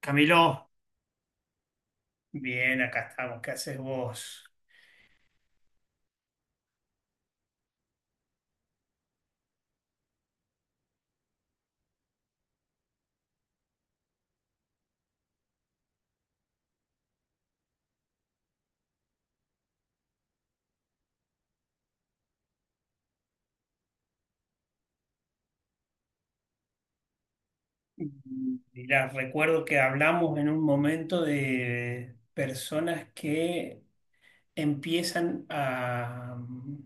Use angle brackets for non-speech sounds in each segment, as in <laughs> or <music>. Camilo, bien, acá estamos. ¿Qué haces vos? Mirá, recuerdo que hablamos en un momento de personas que empiezan a,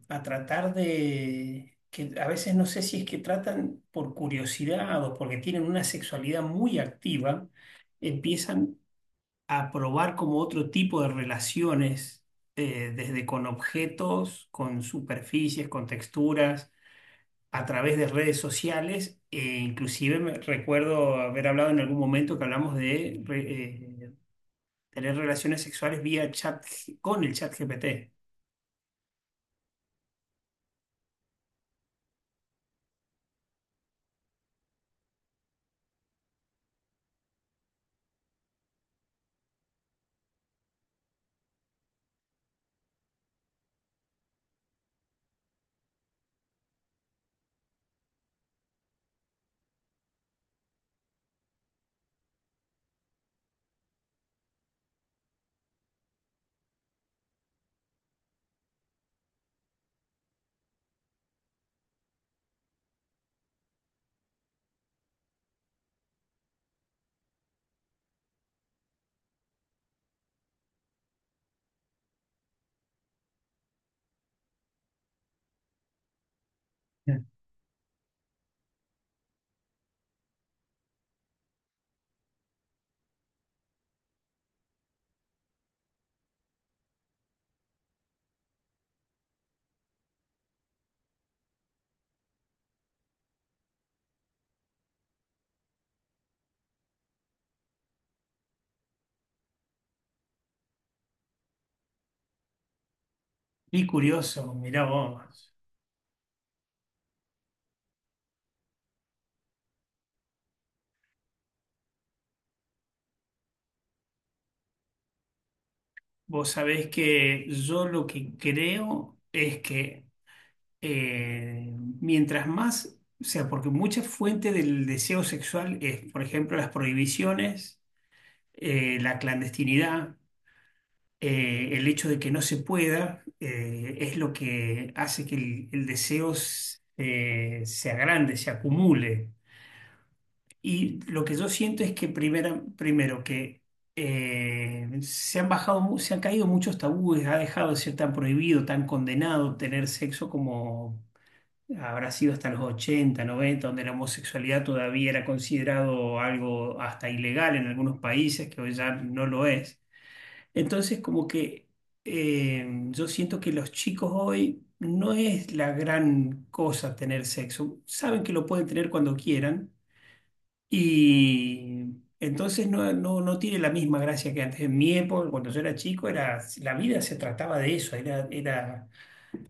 a tratar de, que a veces no sé si es que tratan por curiosidad o porque tienen una sexualidad muy activa, empiezan a probar como otro tipo de relaciones, desde con objetos, con superficies, con texturas, a través de redes sociales, e inclusive recuerdo haber hablado en algún momento que hablamos de tener relaciones sexuales vía con el chat GPT. Y curioso, mirá vos. Vos sabés que yo lo que creo es que eh, mientras más, o sea, porque mucha fuente del deseo sexual es, por ejemplo, las prohibiciones, la clandestinidad. El hecho de que no se pueda es lo que hace que el deseo se agrande, se acumule. Y lo que yo siento es que primero que se han se han caído muchos tabúes, ha dejado de ser tan prohibido, tan condenado tener sexo como habrá sido hasta los 80-90, donde la homosexualidad todavía era considerado algo hasta ilegal en algunos países, que hoy ya no lo es. Entonces, como que yo siento que los chicos hoy no es la gran cosa tener sexo. Saben que lo pueden tener cuando quieran y entonces no tiene la misma gracia que antes. En mi época, cuando yo era chico, era, la vida se trataba de eso, era, era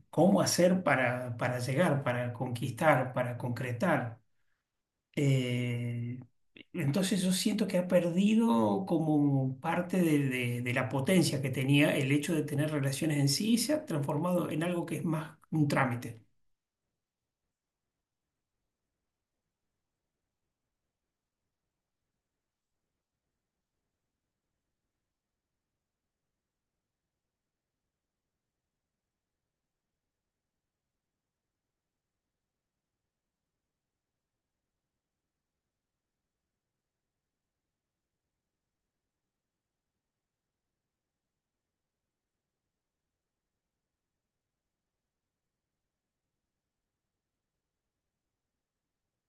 cómo hacer para llegar, para conquistar, para concretar. Eh, entonces yo siento que ha perdido como parte de la potencia que tenía el hecho de tener relaciones en sí, y se ha transformado en algo que es más un trámite.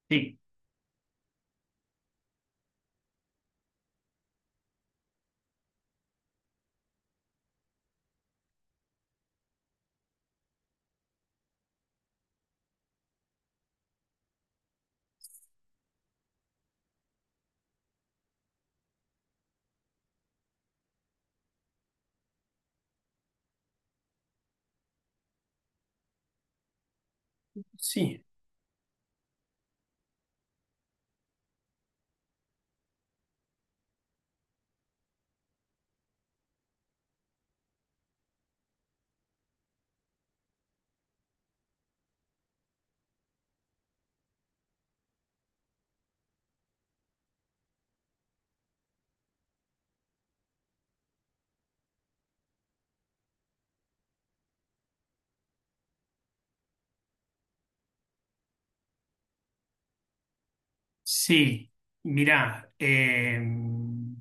Sí, sí, sí. Mirá,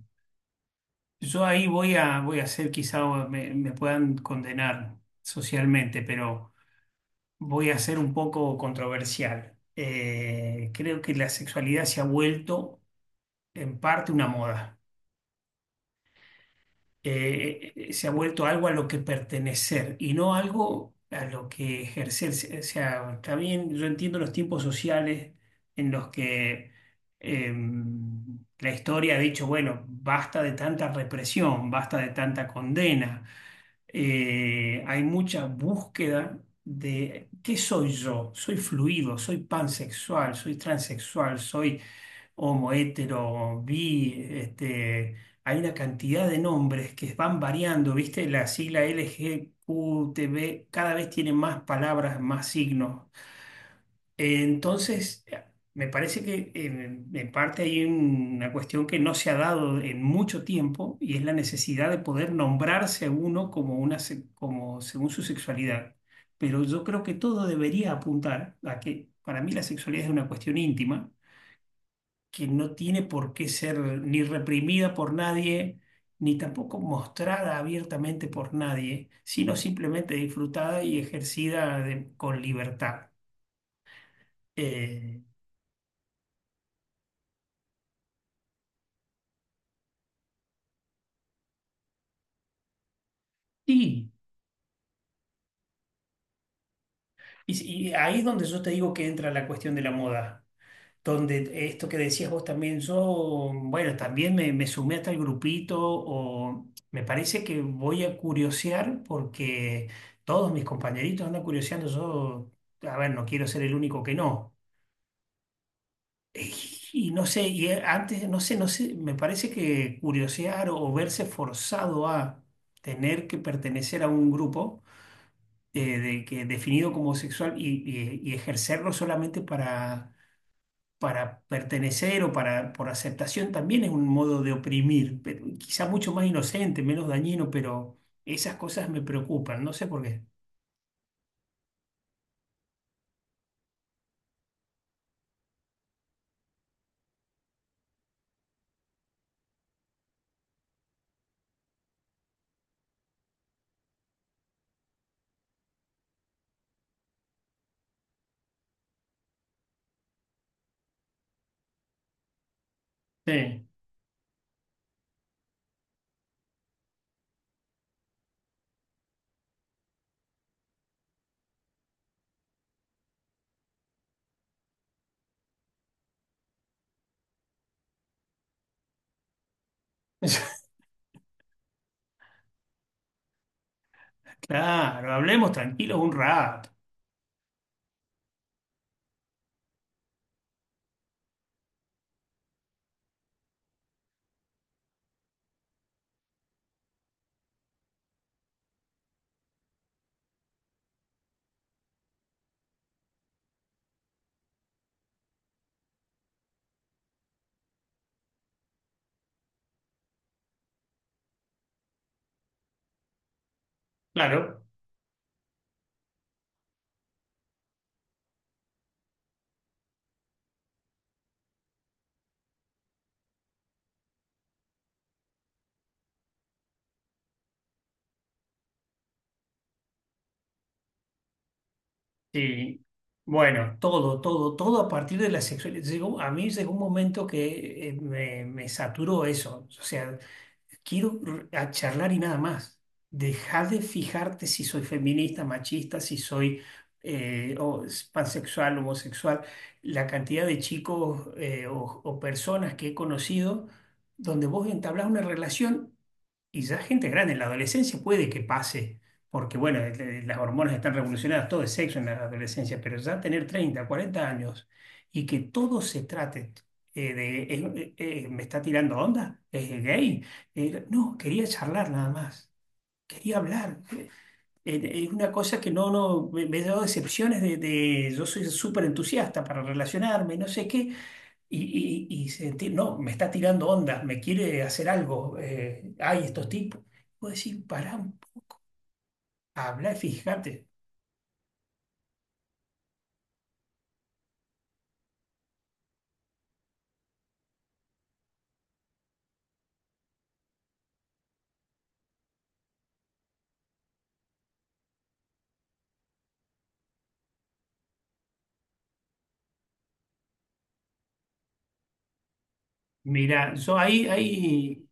yo ahí voy a, voy a hacer, quizá me puedan condenar socialmente, pero voy a ser un poco controversial. Creo que la sexualidad se ha vuelto en parte una moda. Se ha vuelto algo a lo que pertenecer y no algo a lo que ejercer. O sea, está bien, yo entiendo los tiempos sociales en los que la historia ha dicho, bueno, basta de tanta represión, basta de tanta condena. Hay mucha búsqueda de qué soy yo, soy fluido, soy pansexual, soy transexual, soy homo, hetero, bi, este, hay una cantidad de nombres que van variando, ¿viste? La sigla LGQTB cada vez tiene más palabras, más signos. Entonces, me parece que en parte hay una cuestión que no se ha dado en mucho tiempo, y es la necesidad de poder nombrarse a uno como una, como según su sexualidad. Pero yo creo que todo debería apuntar a que para mí la sexualidad es una cuestión íntima, que no tiene por qué ser ni reprimida por nadie, ni tampoco mostrada abiertamente por nadie, sino simplemente disfrutada y con libertad. Eh, y, y ahí es donde yo te digo que entra la cuestión de la moda. Donde esto que decías vos también, yo, bueno, también me sumé a tal grupito, o me parece que voy a curiosear porque todos mis compañeritos andan curioseando. Yo, a ver, no quiero ser el único que no. Y no sé, y antes, no sé, no sé, me parece que curiosear o verse forzado a tener que pertenecer a un grupo que definido como sexual y, y ejercerlo solamente para pertenecer o para, por aceptación, también es un modo de oprimir, pero quizá mucho más inocente, menos dañino, pero esas cosas me preocupan, no sé por qué. Sí. <laughs> Claro, hablemos tranquilos un rato. Claro. Sí, bueno, todo, todo, todo a partir de la sexualidad. Llegó- a mí llegó un momento que me saturó eso. O sea, quiero a charlar y nada más. Deja de fijarte si soy feminista, machista, si soy pansexual, homosexual. La cantidad de chicos o personas que he conocido donde vos entablás una relación. Y ya gente grande, en la adolescencia puede que pase, porque bueno, las hormonas están revolucionadas, todo es sexo en la adolescencia, pero ya tener 30-40 años y que todo se trate me está tirando onda, es gay. No, quería charlar nada más, quería hablar. Es una cosa que no, no, me he dado decepciones yo soy súper entusiasta para relacionarme, no sé qué, y sentir no, me está tirando onda, me quiere hacer algo, hay estos tipos. Puedo decir, pará, habla fíjate. Mira, yo ahí, ahí,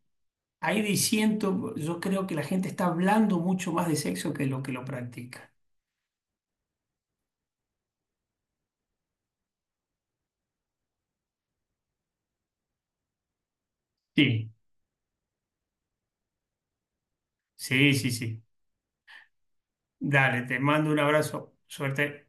ahí diciendo, yo creo que la gente está hablando mucho más de sexo que lo practica. Sí, sí, sí, sí. Dale, te mando un abrazo. Suerte.